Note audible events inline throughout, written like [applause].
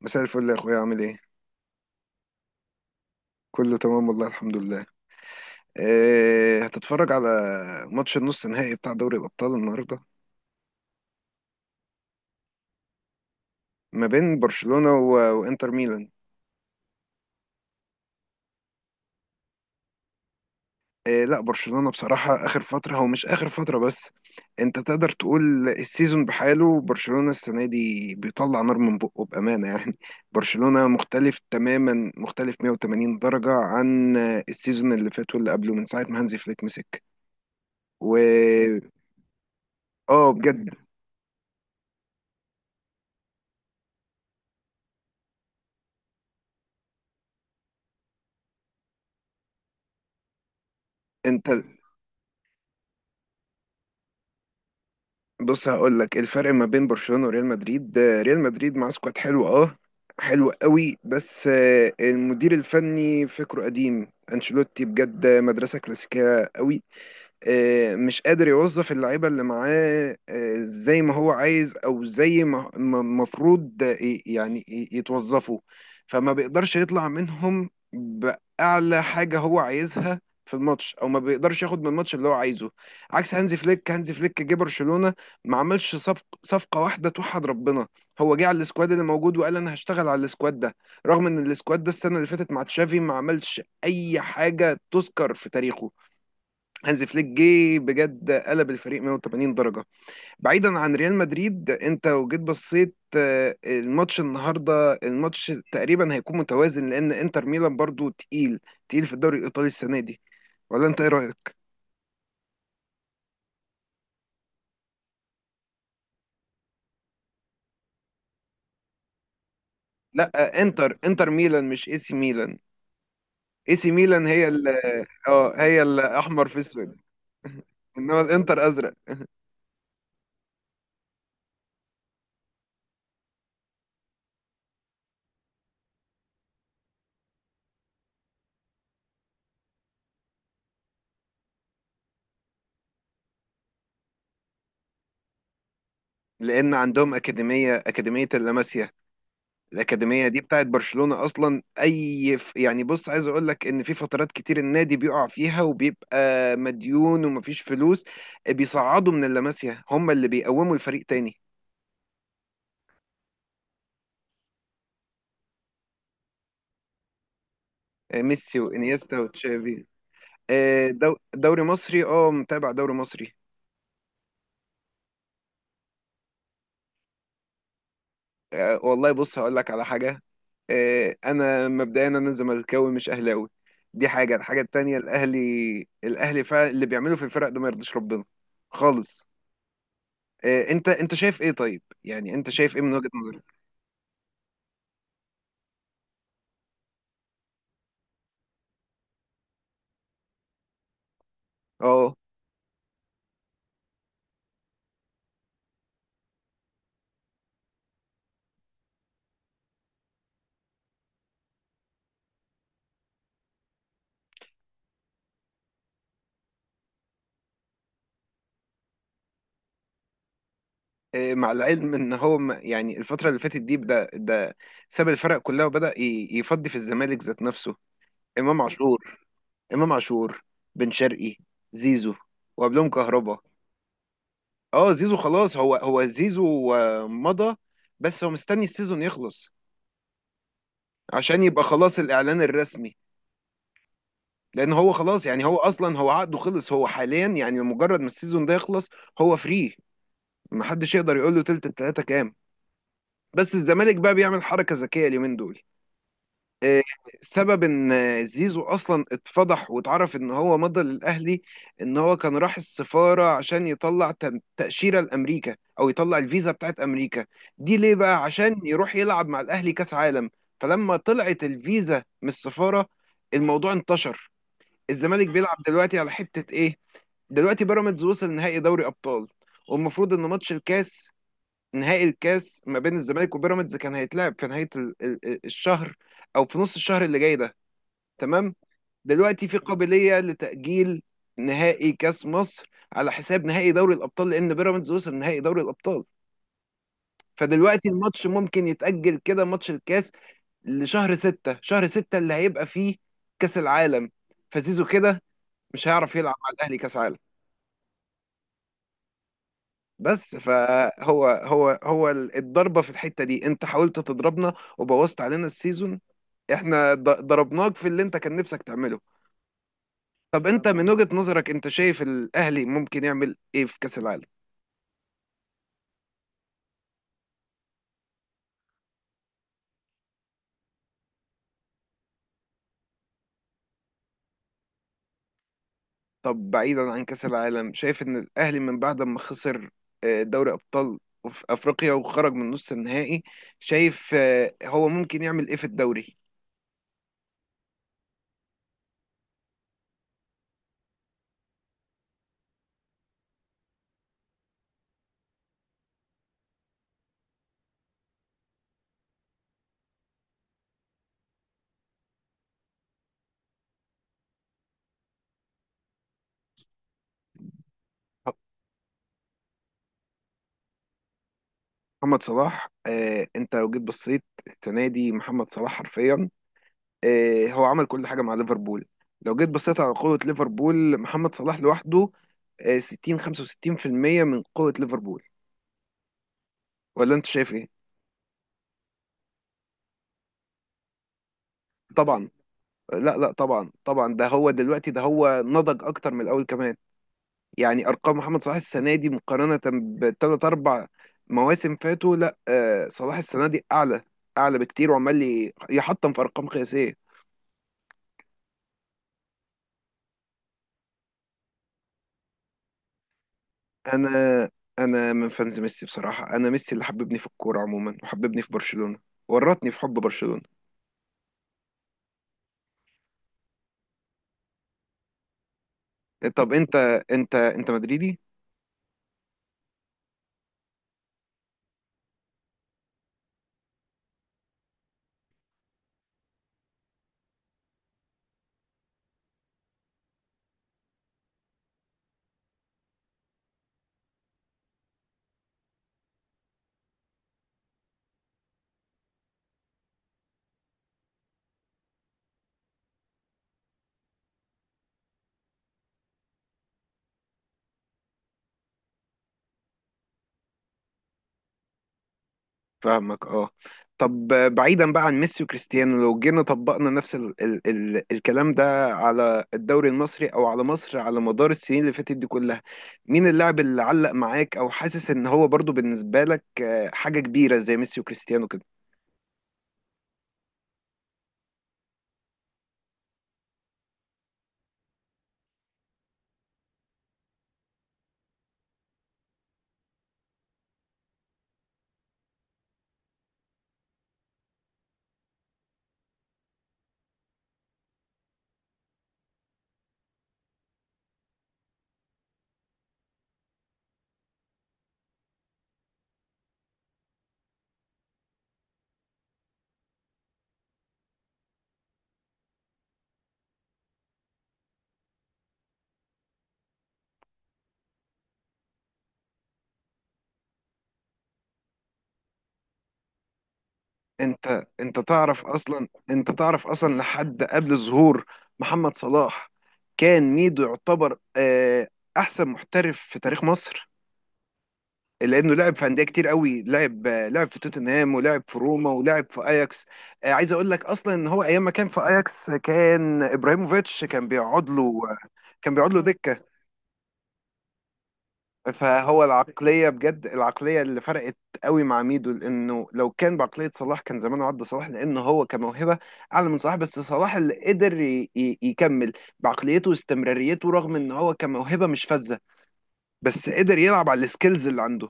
مساء الفل يا اخويا، عامل ايه؟ كله تمام والله الحمد لله. إيه، هتتفرج على ماتش النص النهائي بتاع دوري الابطال النهارده؟ ما بين برشلونة وانتر ميلان. إيه، لا، برشلونة بصراحة اخر فترة، هو مش اخر فترة بس، انت تقدر تقول السيزون بحاله. برشلونة السنة دي بيطلع نار من بقه، بأمانة يعني. برشلونة مختلف تماما، مختلف 180 درجة عن السيزون اللي فات واللي قبله، من ساعة ما هانزي فليك مسك و اه، بجد. انت، بص هقول لك الفرق ما بين برشلونة وريال مدريد. ريال مدريد مع سكواد حلو، اه، حلو قوي، بس المدير الفني فكره قديم. انشيلوتي بجد مدرسة كلاسيكية قوي. مش قادر يوظف اللعيبة اللي معاه زي ما هو عايز، أو زي ما المفروض يعني يتوظفوا. فما بيقدرش يطلع منهم بأعلى حاجة هو عايزها في الماتش، أو ما بيقدرش ياخد من الماتش اللي هو عايزه، عكس هانزي فليك. هانزي فليك جه برشلونة، ما عملش صفقة واحدة توحد ربنا. هو جه على السكواد اللي موجود، وقال أنا هشتغل على السكواد ده، رغم إن السكواد ده السنة اللي فاتت مع تشافي ما عملش أي حاجة تذكر في تاريخه. هانز فليك جه بجد قلب الفريق 180 درجة. بعيدا عن ريال مدريد، انت لو جيت بصيت الماتش النهاردة، الماتش تقريبا هيكون متوازن، لان انتر ميلان برضو تقيل، تقيل في الدوري الايطالي السنة دي. ولا انت ايه رأيك؟ لا، انتر ميلان مش اي سي ميلان. اي سي ميلان هي اه، هي الاحمر في اسود. [laughs] انما الانتر ازرق. لان عندهم اكاديمية، اللاماسيا. الأكاديمية دي بتاعت برشلونة أصلا. يعني بص، عايز أقول لك إن في فترات كتير النادي بيقع فيها وبيبقى مديون ومفيش فلوس، بيصعدوا من اللاماسيا، هم اللي بيقوموا الفريق تاني. ميسي وإنيستا وتشافي. دوري مصري، أه متابع دوري مصري. والله بص هقول لك على حاجة. أنا مبدئيا زملكاوي مش أهلاوي. دي حاجة. الحاجة التانية، الأهلي، الأهلي فعلا اللي بيعمله في الفرق ده ما يرضيش ربنا خالص. انت شايف ايه؟ طيب يعني انت شايف ايه من وجهة نظرك؟ اه. مع العلم ان هو يعني الفترة اللي فاتت دي بدأ ده. ساب الفرق كلها وبدأ يفضي في الزمالك ذات نفسه. امام عاشور. امام عاشور. بن شرقي. زيزو. وقبلهم كهربا. اه، زيزو خلاص. هو زيزو مضى. بس هو مستني السيزون يخلص عشان يبقى خلاص الاعلان الرسمي. لان هو خلاص يعني، هو اصلا هو عقده خلص، هو حاليا يعني مجرد ما السيزون ده يخلص هو فري. محدش يقدر يقول له تلت التلاته كام. بس الزمالك بقى بيعمل حركه ذكيه اليومين دول. آه، سبب ان زيزو اصلا اتفضح واتعرف ان هو مضى للاهلي، ان هو كان راح السفاره عشان يطلع تاشيره لامريكا، او يطلع الفيزا بتاعت امريكا دي، ليه بقى؟ عشان يروح يلعب مع الاهلي كاس عالم. فلما طلعت الفيزا من السفاره، الموضوع انتشر. الزمالك بيلعب دلوقتي على حته ايه؟ دلوقتي بيراميدز وصل نهائي دوري ابطال، والمفروض ان ماتش الكاس، نهائي الكاس ما بين الزمالك وبيراميدز، كان هيتلعب في نهاية الشهر، أو في نص الشهر اللي جاي ده، تمام. دلوقتي في قابلية لتأجيل نهائي كاس مصر على حساب نهائي دوري الأبطال، لأن بيراميدز وصل نهائي دوري الأبطال. فدلوقتي الماتش ممكن يتأجل كده، ماتش الكاس، لشهر ستة. شهر ستة اللي هيبقى فيه كاس العالم. فزيزو كده مش هيعرف يلعب مع الأهلي كاس عالم. بس، فهو هو هو الضربة في الحتة دي، انت حاولت تضربنا وبوظت علينا السيزون، احنا ضربناك في اللي انت كان نفسك تعمله. طب انت من وجهة نظرك انت شايف الاهلي ممكن يعمل ايه في كاس العالم؟ طب بعيدا عن كاس العالم، شايف ان الاهلي من بعد ما خسر دوري ابطال في افريقيا وخرج من نص النهائي، شايف هو ممكن يعمل ايه في الدوري؟ محمد صلاح، انت لو جيت بصيت السنه دي محمد صلاح حرفيا، إيه، هو عمل كل حاجة مع ليفربول. لو جيت بصيت على قوة ليفربول، محمد صلاح لوحده 60 65% من قوة ليفربول. ولا انت شايف ايه؟ طبعا. لا، لا، طبعا طبعا. ده هو دلوقتي، ده هو نضج اكتر من الاول كمان. يعني ارقام محمد صلاح السنة دي مقارنة بثلاث اربع مواسم فاتوا، لا، صلاح السنة دي اعلى، اعلى بكتير، وعمال يحطم في ارقام قياسية. انا انا من فانز ميسي بصراحه. انا ميسي اللي حببني في الكوره عموما، وحببني في برشلونه، ورطني في حب برشلونه. طب انت مدريدي؟ فاهمك، اه. طب بعيدا بقى عن ميسي وكريستيانو، لو جينا طبقنا نفس ال ال ال الكلام ده على الدوري المصري او على مصر على مدار السنين اللي فاتت دي كلها، مين اللاعب اللي علق معاك او حاسس ان هو برضو بالنسبه لك حاجه كبيره زي ميسي وكريستيانو؟ انت تعرف اصلا، لحد قبل ظهور محمد صلاح، كان ميدو يعتبر احسن محترف في تاريخ مصر، لانه لعب في انديه كتير قوي، لعب لعب في توتنهام، ولعب في روما، ولعب في اياكس. عايز اقول لك اصلا ان هو ايام ما كان في اياكس كان ابراهيموفيتش كان بيقعد له. كان بيقعد له دكه. فهو العقلية بجد، العقلية اللي فرقت قوي مع ميدو، لأنه لو كان بعقلية صلاح كان زمانه عدى صلاح، لأنه هو كموهبة أعلى من صلاح. بس صلاح اللي قدر يكمل بعقليته واستمراريته، رغم إن هو كموهبة مش فذة، بس قدر يلعب على السكيلز اللي عنده،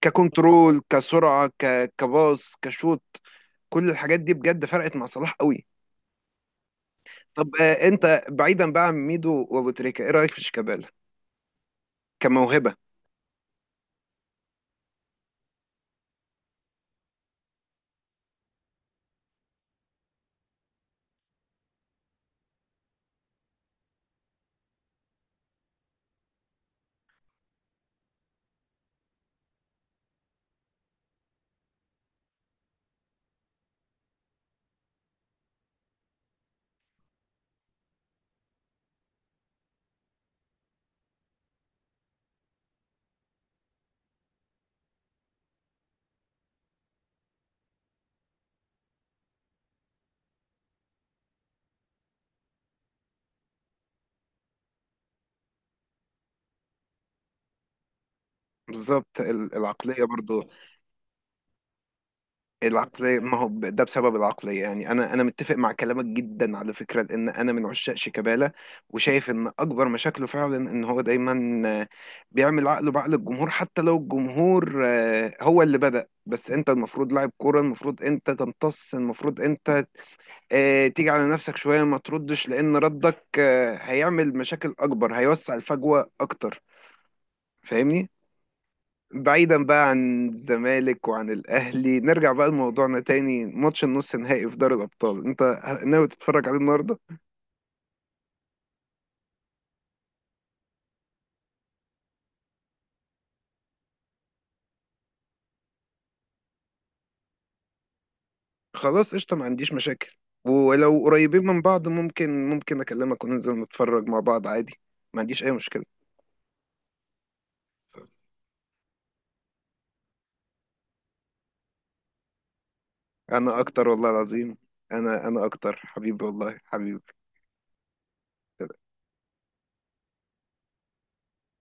ككنترول، كسرعة، كباص، كشوت، كل الحاجات دي بجد فرقت مع صلاح قوي. طب أنت بعيدا بقى عن ميدو وأبو تريكة، إيه رأيك في شيكابالا كموهبة؟ بالظبط. العقلية برضو، العقلية، ما هو ده بسبب العقلية. يعني أنا متفق مع كلامك جدا على فكرة، لأن أنا من عشاق شيكابالا، وشايف إن أكبر مشاكله فعلا إن هو دايما بيعمل عقله بعقل الجمهور، حتى لو الجمهور هو اللي بدأ. بس أنت المفروض لاعب كورة، المفروض أنت تمتص، المفروض أنت تيجي على نفسك شوية، ما تردش، لأن ردك هيعمل مشاكل أكبر، هيوسع الفجوة أكتر. فاهمني؟ بعيدا بقى عن الزمالك وعن الاهلي، نرجع بقى لموضوعنا تاني، ماتش النص النهائي في دوري الابطال. انت ناوي تتفرج عليه النهارده؟ خلاص قشطه، ما عنديش مشاكل، ولو قريبين من بعض ممكن اكلمك وننزل نتفرج مع بعض عادي. ما عنديش اي مشكله. انا اكتر، والله العظيم، انا اكتر حبيبي، والله حبيبي.